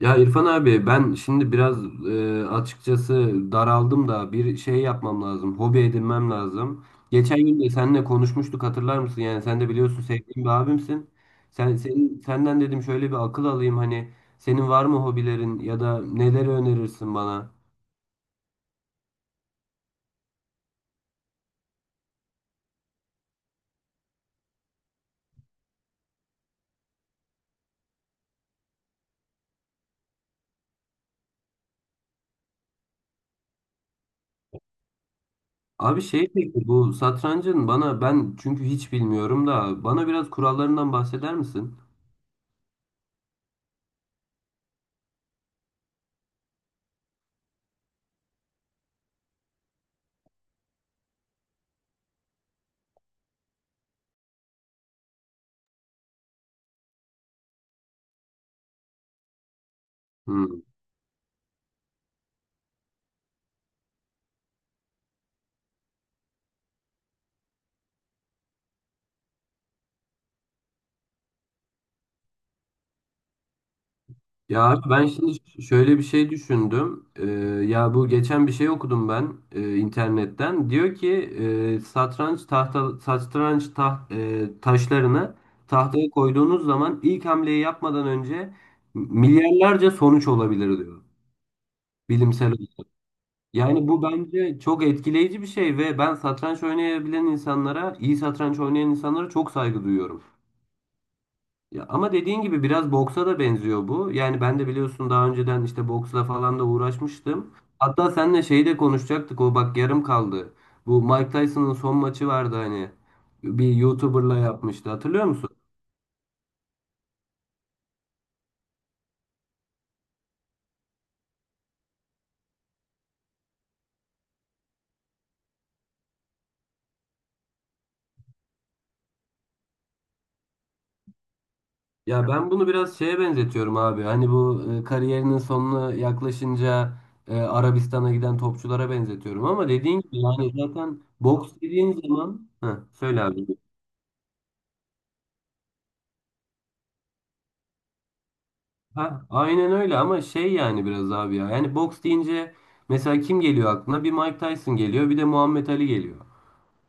Ya İrfan abi ben şimdi biraz açıkçası daraldım da bir şey yapmam lazım. Hobi edinmem lazım. Geçen gün de seninle konuşmuştuk, hatırlar mısın? Yani sen de biliyorsun, sevdiğim bir abimsin. Senden dedim, şöyle bir akıl alayım hani, senin var mı hobilerin ya da neleri önerirsin bana? Abi şey, peki bu satrancın bana, ben çünkü hiç bilmiyorum da bana biraz kurallarından bahseder misin? Ya abi ben şimdi şöyle bir şey düşündüm. Ya bu geçen bir şey okudum ben internetten. Diyor ki e, satranç tahta satranç taht, e, taşlarını tahtaya koyduğunuz zaman ilk hamleyi yapmadan önce milyarlarca sonuç olabilir diyor, bilimsel olarak. Yani bu bence çok etkileyici bir şey ve ben satranç oynayabilen insanlara, iyi satranç oynayan insanlara çok saygı duyuyorum. Ya ama dediğin gibi biraz boksa da benziyor bu. Yani ben de biliyorsun, daha önceden işte boksla falan da uğraşmıştım. Hatta seninle şeyi de konuşacaktık. O bak yarım kaldı. Bu Mike Tyson'ın son maçı vardı hani. Bir YouTuber'la yapmıştı. Hatırlıyor musun? Ya ben bunu biraz şeye benzetiyorum abi. Hani bu kariyerinin sonuna yaklaşınca Arabistan'a giden topçulara benzetiyorum. Ama dediğin gibi yani zaten boks dediğin zaman... Heh, söyle abi. Ha, aynen öyle, ama şey yani biraz abi ya. Yani boks deyince mesela kim geliyor aklına? Bir Mike Tyson geliyor, bir de Muhammed Ali geliyor.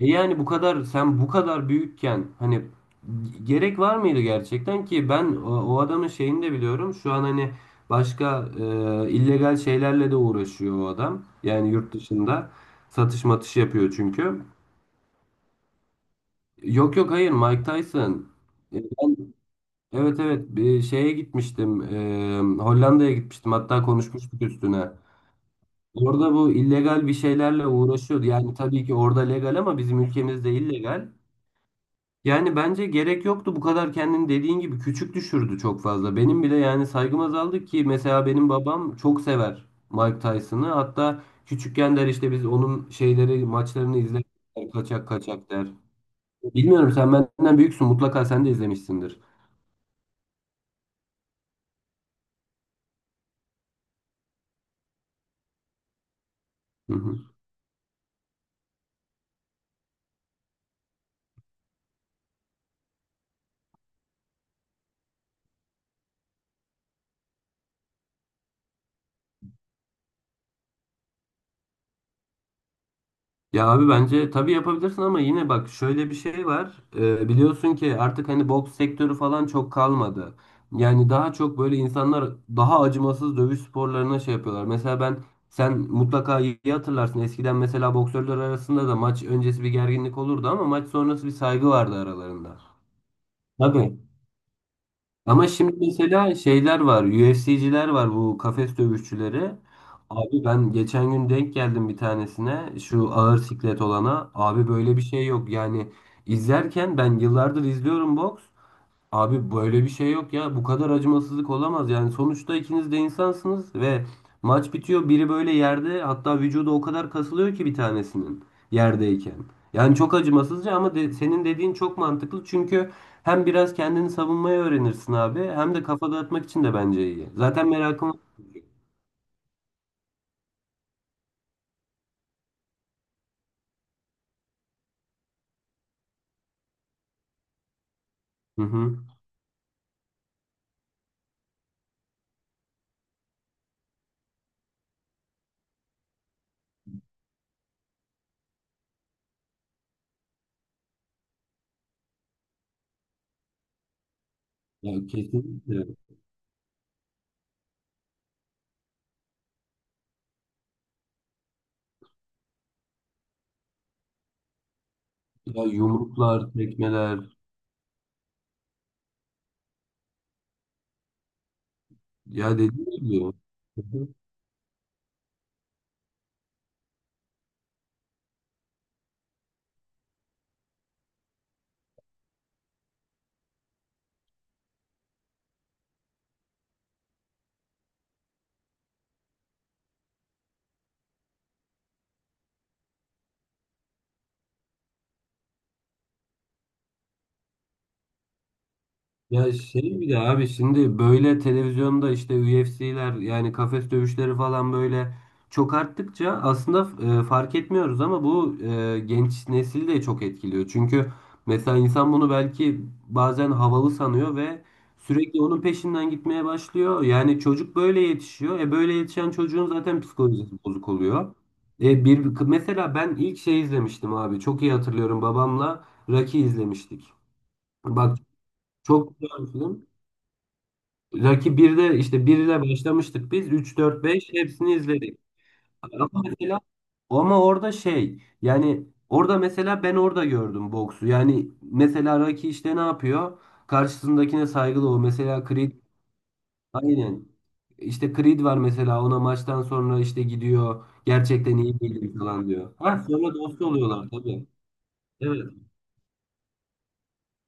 E yani bu kadar, sen bu kadar büyükken hani gerek var mıydı gerçekten ki, ben o adamın şeyini de biliyorum. Şu an hani başka illegal şeylerle de uğraşıyor o adam. Yani yurt dışında satış matış yapıyor çünkü. Yok yok, hayır, Mike Tyson. Evet evet, bir şeye gitmiştim, Hollanda'ya gitmiştim, hatta konuşmuştuk üstüne. Orada bu illegal bir şeylerle uğraşıyordu. Yani tabii ki orada legal ama bizim ülkemizde illegal. Yani bence gerek yoktu, bu kadar kendini dediğin gibi küçük düşürdü çok fazla. Benim bile yani saygım azaldı, ki mesela benim babam çok sever Mike Tyson'ı. Hatta küçükken der işte, biz onun şeyleri maçlarını izler kaçak kaçak der. Bilmiyorum, sen benden büyüksün, mutlaka sen de izlemişsindir. Hı hı. Ya abi bence tabii yapabilirsin, ama yine bak, şöyle bir şey var. Biliyorsun ki artık hani boks sektörü falan çok kalmadı. Yani daha çok böyle insanlar daha acımasız dövüş sporlarına şey yapıyorlar. Mesela ben, sen mutlaka iyi hatırlarsın. Eskiden mesela boksörler arasında da maç öncesi bir gerginlik olurdu, ama maç sonrası bir saygı vardı aralarında. Tabii. Ama şimdi mesela şeyler var, UFC'ciler var, bu kafes dövüşçüleri. Abi ben geçen gün denk geldim bir tanesine, şu ağır siklet olana. Abi böyle bir şey yok yani, izlerken, ben yıllardır izliyorum boks. Abi böyle bir şey yok ya. Bu kadar acımasızlık olamaz. Yani sonuçta ikiniz de insansınız ve maç bitiyor. Biri böyle yerde, hatta vücudu o kadar kasılıyor ki bir tanesinin, yerdeyken. Yani çok acımasızca, ama senin dediğin çok mantıklı. Çünkü hem biraz kendini savunmayı öğrenirsin abi, hem de kafa dağıtmak için de bence iyi. Zaten merakım. Hı hı. Ya kesinlikle. Ya yumruklar, tekmeler. Ya dediğim gibi. Ya şey, bir de abi şimdi böyle televizyonda işte UFC'ler, yani kafes dövüşleri falan böyle çok arttıkça aslında fark etmiyoruz, ama bu genç nesil de çok etkiliyor. Çünkü mesela insan bunu belki bazen havalı sanıyor ve sürekli onun peşinden gitmeye başlıyor. Yani çocuk böyle yetişiyor. E böyle yetişen çocuğun zaten psikolojisi bozuk oluyor. E bir, mesela ben ilk şey izlemiştim abi. Çok iyi hatırlıyorum, babamla Rocky izlemiştik. Bak çok güzel bir film. Rocky birde, işte 1 ile başlamıştık biz. Üç 4 beş, hepsini izledik. Ama mesela, ama orada şey, yani orada mesela ben orada gördüm boksu. Yani mesela Rocky işte ne yapıyor? Karşısındakine saygılı o. Mesela Creed, aynen. İşte Creed var mesela, ona maçtan sonra işte gidiyor. Gerçekten iyi değilim falan diyor. Ha, sonra dost oluyorlar tabii. Evet.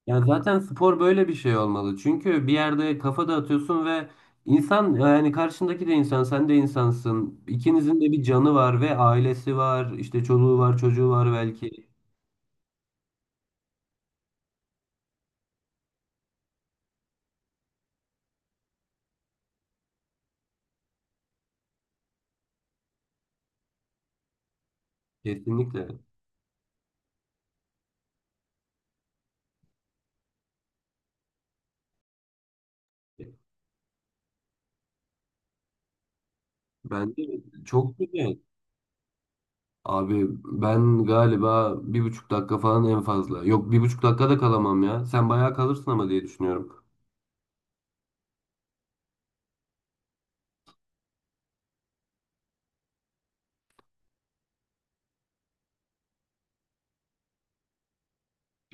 Ya zaten spor böyle bir şey olmalı. Çünkü bir yerde kafa dağıtıyorsun ve insan, yani karşındaki de insan, sen de insansın. İkinizin de bir canı var ve ailesi var, işte çoluğu var, çocuğu var belki. Kesinlikle. Bence çok güzel. Abi ben galiba 1,5 dakika falan en fazla. Yok, 1,5 dakika da kalamam ya. Sen bayağı kalırsın ama diye düşünüyorum.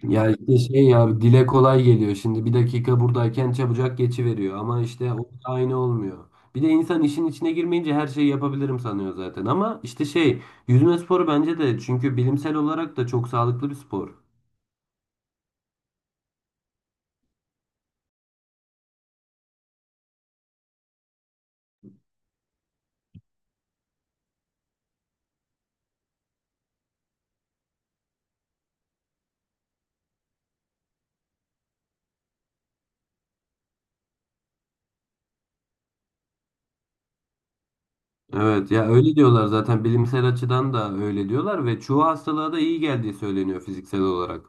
Ya işte şey ya, dile kolay geliyor. Şimdi 1 dakika buradayken çabucak geçiveriyor, ama işte o da aynı olmuyor. Bir de insan işin içine girmeyince her şeyi yapabilirim sanıyor zaten, ama işte şey, yüzme sporu bence de, çünkü bilimsel olarak da çok sağlıklı bir spor. Evet ya, öyle diyorlar zaten, bilimsel açıdan da öyle diyorlar ve çoğu hastalığa da iyi geldiği söyleniyor fiziksel olarak.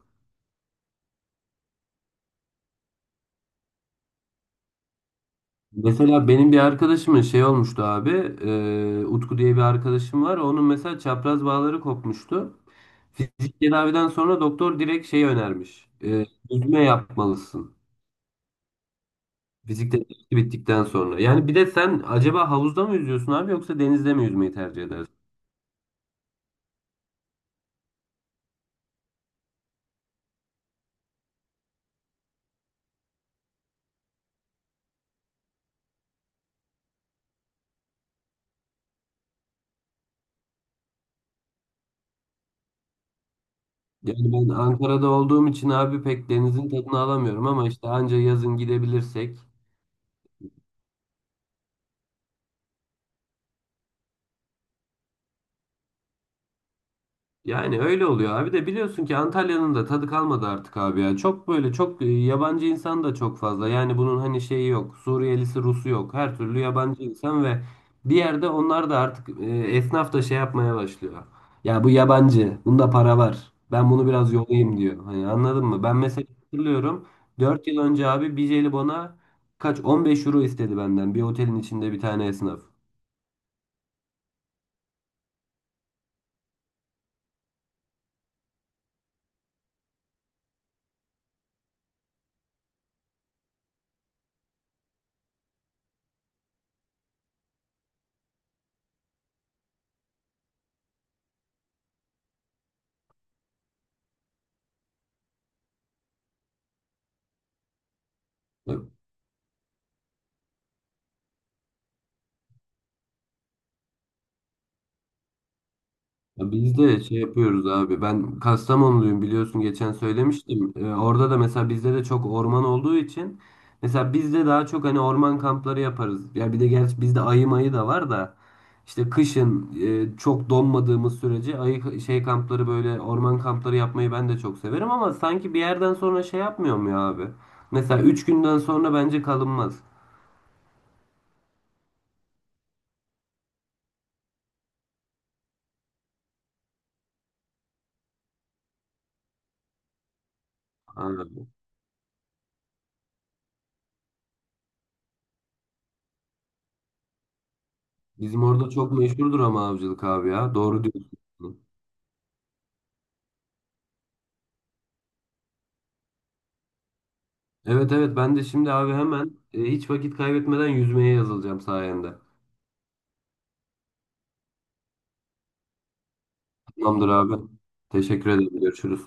Mesela benim bir arkadaşımın şey olmuştu abi. Utku diye bir arkadaşım var. Onun mesela çapraz bağları kopmuştu. Fizik tedaviden sonra doktor direkt şey önermiş. E, yüzme yapmalısın. Fizik tedavisi bittikten sonra. Yani bir de sen acaba havuzda mı yüzüyorsun abi, yoksa denizde mi yüzmeyi tercih edersin? Yani ben Ankara'da olduğum için abi pek denizin tadını alamıyorum, ama işte anca yazın gidebilirsek. Yani öyle oluyor abi de, biliyorsun ki Antalya'nın da tadı kalmadı artık abi ya. Çok böyle çok yabancı insan da çok fazla. Yani bunun hani şeyi yok. Suriyelisi, Rusu yok. Her türlü yabancı insan ve bir yerde onlar da artık, esnaf da şey yapmaya başlıyor. Ya bu yabancı. Bunda para var. Ben bunu biraz yolayım diyor. Hani anladın mı? Ben mesela hatırlıyorum. 4 yıl önce abi bir jelibona 15 euro istedi benden. Bir otelin içinde bir tane esnaf. Ya biz de şey yapıyoruz abi. Ben Kastamonluyum, biliyorsun geçen söylemiştim. Orada da mesela bizde de çok orman olduğu için mesela bizde daha çok hani orman kampları yaparız. Ya bir de gerçi bizde ayı mayı da var da, işte kışın çok donmadığımız sürece ayı şey kampları, böyle orman kampları yapmayı ben de çok severim, ama sanki bir yerden sonra şey yapmıyor mu ya abi? Mesela 3 günden sonra bence kalınmaz. Abi. Bizim orada çok meşhurdur ama avcılık, abi ya. Doğru diyorsun. Evet evet, ben de şimdi abi hemen hiç vakit kaybetmeden yüzmeye yazılacağım sayende. Tamamdır abi. Teşekkür ederim. Görüşürüz.